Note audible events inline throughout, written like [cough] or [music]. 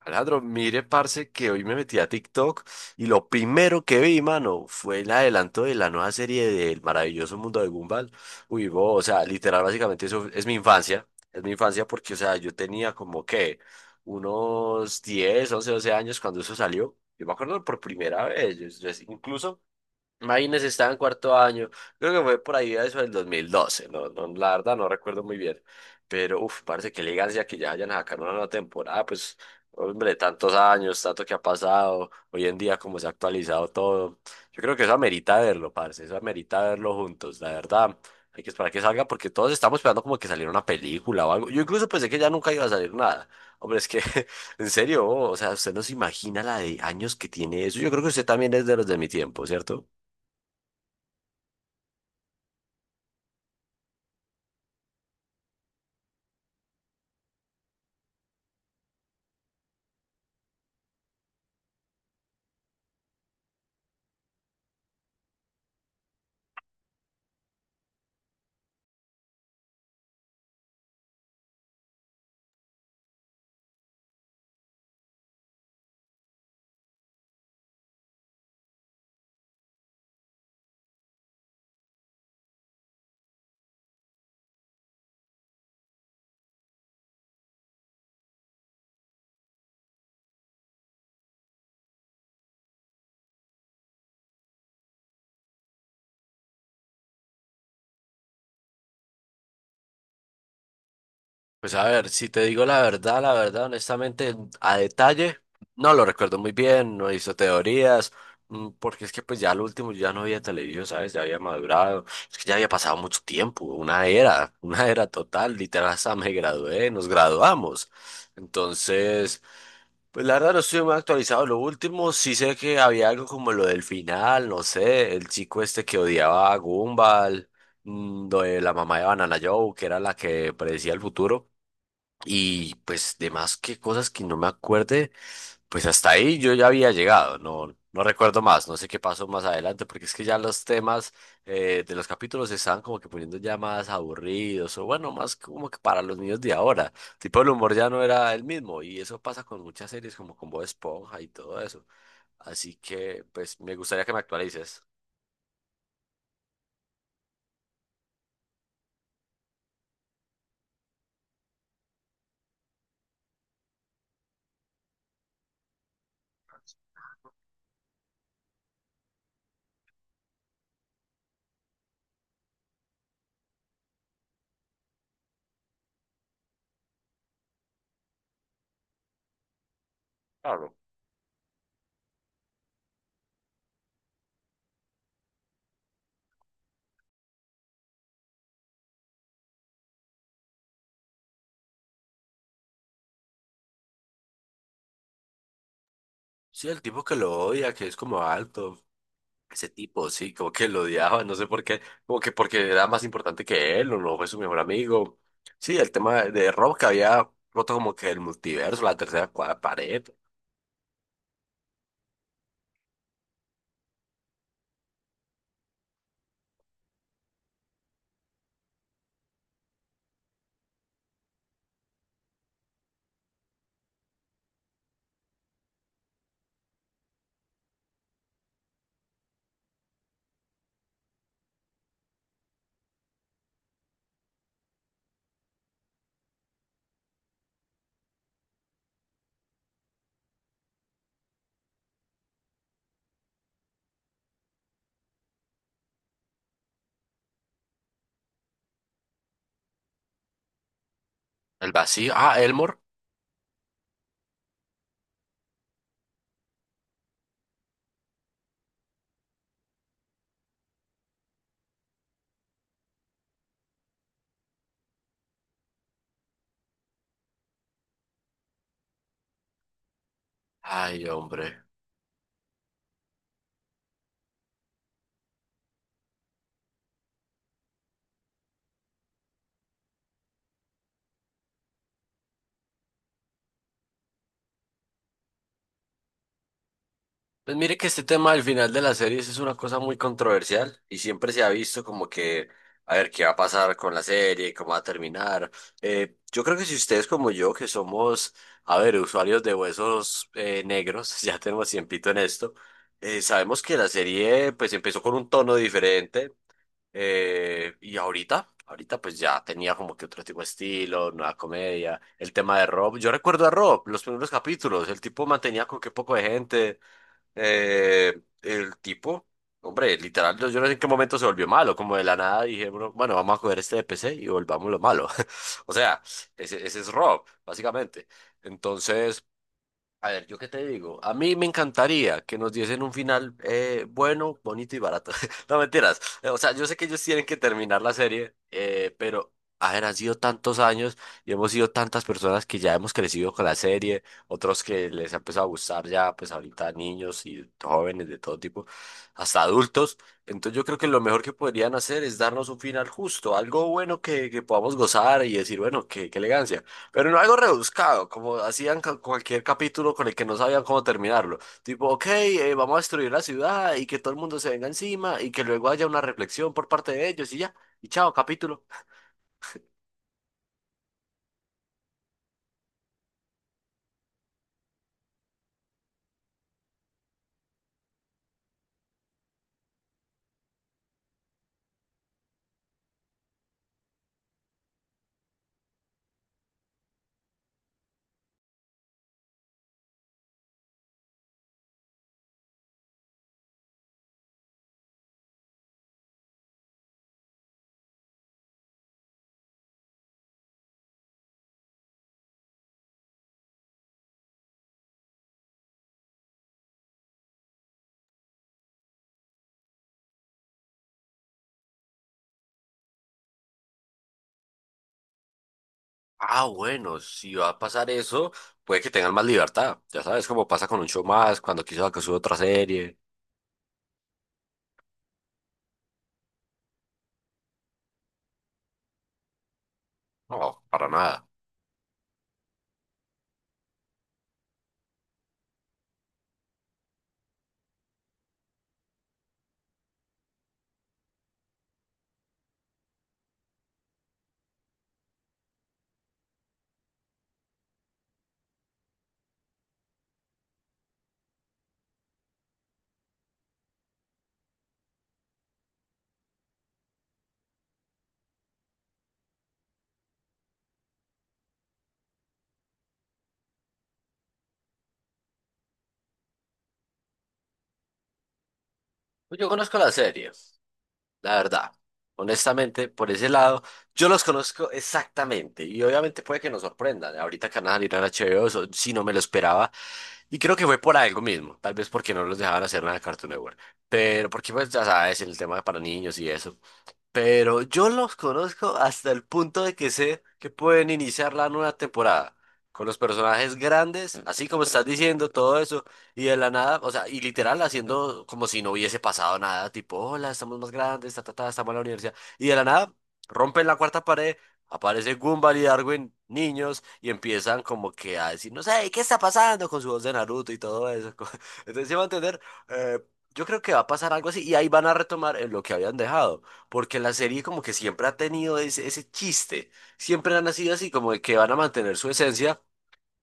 Alejandro, mire, parce, que hoy me metí a TikTok y lo primero que vi, mano, fue el adelanto de la nueva serie del maravilloso mundo de Gumball. Uy, bo, o sea, literal, básicamente eso es mi infancia. Es mi infancia porque, o sea, yo tenía como que unos 10, 11, 12 años cuando eso salió. Yo me acuerdo por primera vez. Incluso imagínense, estaba en cuarto año. Creo que fue por ahí a eso del 2012. No, no, la verdad no recuerdo muy bien. Pero, uff, parece que elegancia que ya hayan sacado una nueva temporada. Pues, hombre, tantos años, tanto que ha pasado. Hoy en día, como se ha actualizado todo. Yo creo que eso amerita verlo, parce. Eso amerita verlo juntos. La verdad, hay que esperar que salga porque todos estamos esperando como que saliera una película o algo. Yo incluso pensé que ya nunca iba a salir nada. Hombre, es que, [laughs] en serio, o sea, usted no se imagina la de años que tiene eso. Yo creo que usted también es de los de mi tiempo, ¿cierto? Pues a ver, si te digo la verdad, honestamente, a detalle, no lo recuerdo muy bien, no hizo teorías, porque es que pues ya al último yo ya no había television, ¿sabes? Ya había madurado, es que ya había pasado mucho tiempo, una era, [laughs] una era total, literal, hasta me gradué, nos graduamos. Entonces, pues la verdad no estoy muy actualizado, lo último sí sé que había algo como lo del final, no sé, el chico este que odiaba a Gumball, lo de la mamá de Banana Joe, que era la que predecía el futuro. Y pues demás que cosas que no me acuerde, pues hasta ahí yo ya había llegado, no, no recuerdo más, no sé qué pasó más adelante, porque es que ya los temas de los capítulos se estaban como que poniendo ya más aburridos, o bueno, más como que para los niños de ahora, tipo el humor ya no era el mismo, y eso pasa con muchas series como con Bob Esponja y todo eso, así que pues me gustaría que me actualices. Claro. Sí, el tipo que lo odia, que es como alto. Ese tipo, sí, como que lo odiaba, no sé por qué, como que porque era más importante que él, o no fue su mejor amigo. Sí, el tema de Rob que había roto como que el multiverso, la pared, el vacío. Ah, Elmore. Ay, hombre. Pues mire que este tema del final de las series es una cosa muy controversial y siempre se ha visto como que a ver qué va a pasar con la serie, cómo va a terminar. Yo creo que si ustedes como yo, que somos, a ver, usuarios de huesos negros, [laughs] ya tenemos tiempito en esto, sabemos que la serie pues empezó con un tono diferente y ahorita pues ya tenía como que otro tipo de estilo, nueva comedia, el tema de Rob. Yo recuerdo a Rob, los primeros capítulos, el tipo mantenía con qué poco de gente. Eh, el tipo, Hombre, literal, yo no sé en qué momento se volvió malo, como de la nada dije, bueno, vamos a coger este de PC y volvamos lo malo. [laughs] O sea, ese es Rob, básicamente. Entonces, a ver, ¿yo qué te digo? A mí me encantaría que nos diesen un final bueno, bonito y barato. [laughs] No mentiras. O sea, yo sé que ellos tienen que terminar la serie, pero, a ver, han sido tantos años y hemos sido tantas personas que ya hemos crecido con la serie, otros que les ha empezado a gustar ya, pues ahorita niños y jóvenes de todo tipo, hasta adultos. Entonces yo creo que lo mejor que podrían hacer es darnos un final justo, algo bueno que podamos gozar y decir, bueno, qué elegancia. Pero no algo rebuscado, como hacían cualquier capítulo con el que no sabían cómo terminarlo. Tipo, ok, vamos a destruir la ciudad y que todo el mundo se venga encima y que luego haya una reflexión por parte de ellos y ya. Y chao, capítulo. Ah, bueno, si va a pasar eso, puede que tengan más libertad. Ya sabes cómo pasa con un show más, cuando quiso que suba otra serie. No, para nada. Pues yo conozco la serie. La verdad. Honestamente, por ese lado, yo los conozco exactamente y obviamente puede que nos sorprendan. Ahorita que van a salir en HBO, eso sí no me lo esperaba y creo que fue por algo mismo, tal vez porque no los dejaban hacer nada de Cartoon Network, pero porque pues ya sabes, el tema para niños y eso. Pero yo los conozco hasta el punto de que sé que pueden iniciar la nueva temporada con los personajes grandes, así como estás diciendo todo eso, y de la nada, o sea, y literal haciendo como si no hubiese pasado nada, tipo, hola, estamos más grandes, ta, ta, ta, estamos en la universidad, y de la nada rompen la cuarta pared, aparece Gumball y Darwin, niños, y empiezan como que a decir, no sé, ¿qué está pasando? Con su voz de Naruto y todo eso. [laughs] Entonces, se va a entender, eh, yo creo que va a pasar algo así, y ahí van a retomar en lo que habían dejado. Porque la serie como que siempre ha tenido ese chiste, siempre han nacido así, como de que van a mantener su esencia.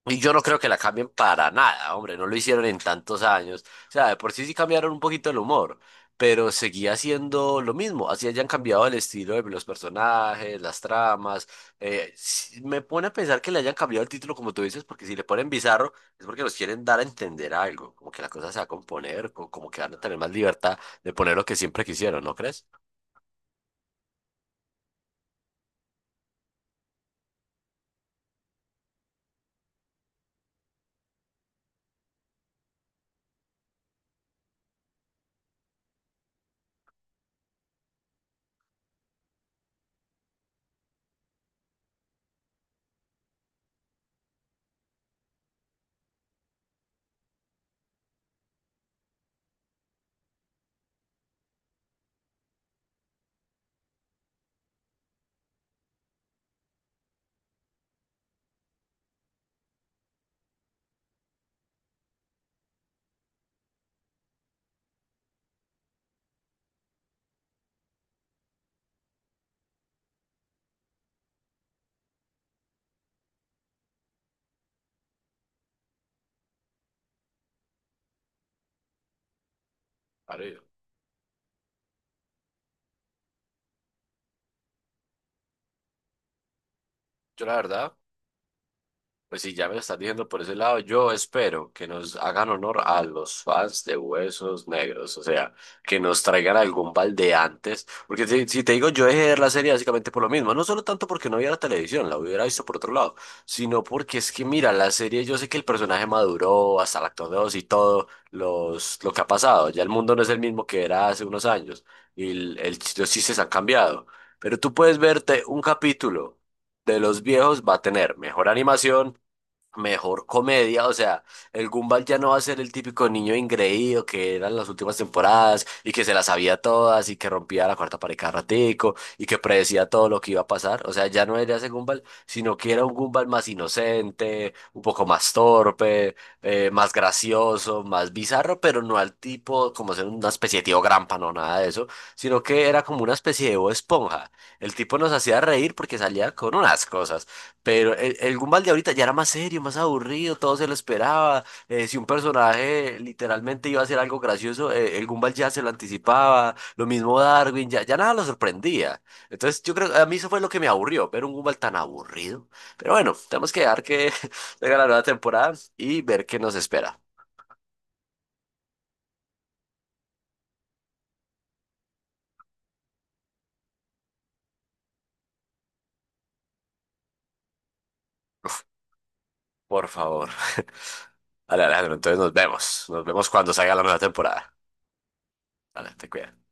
Y yo no creo que la cambien para nada, hombre, no lo hicieron en tantos años. O sea, de por sí sí cambiaron un poquito el humor, pero seguía siendo lo mismo. Así hayan cambiado el estilo de los personajes, las tramas. Sí, me pone a pensar que le hayan cambiado el título, como tú dices, porque si le ponen bizarro es porque los quieren dar a entender algo, como que la cosa se va a componer, como que van a tener más libertad de poner lo que siempre quisieron, ¿no crees? Yo la verdad, pues sí, ya me lo estás diciendo por ese lado. Yo espero que nos hagan honor a los fans de Huesos Negros, o sea, que nos traigan algún balde antes. Porque si, si te digo, yo dejé de ver la serie básicamente por lo mismo. No solo tanto porque no había la televisión, la hubiera visto por otro lado, sino porque es que, mira, la serie, yo sé que el personaje maduró hasta el actor 2 y todo los, lo que ha pasado. Ya el mundo no es el mismo que era hace unos años y los chistes han cambiado. Pero tú puedes verte un capítulo de los viejos va a tener mejor animación, mejor comedia, o sea, el Gumball ya no va a ser el típico niño ingreído que eran las últimas temporadas y que se las sabía todas y que rompía la cuarta pared cada ratico y que predecía todo lo que iba a pasar, o sea, ya no era ese Gumball, sino que era un Gumball más inocente, un poco más torpe, más gracioso, más bizarro, pero no al tipo como ser una especie de tío Grampa, no nada de eso, sino que era como una especie de Bob Esponja. El tipo nos hacía reír porque salía con unas cosas. Pero el Gumball de ahorita ya era más serio, más aburrido, todo se lo esperaba. Si un personaje literalmente iba a hacer algo gracioso, el Gumball ya se lo anticipaba. Lo mismo Darwin, ya nada lo sorprendía. Entonces yo creo, a mí eso fue lo que me aburrió, ver un Gumball tan aburrido. Pero bueno, tenemos que dejar que [laughs] venga la nueva temporada y ver qué nos espera. Por favor. [laughs] Vale, Alejandro, entonces nos vemos. Nos vemos cuando salga la nueva temporada. Vale, te cuidas.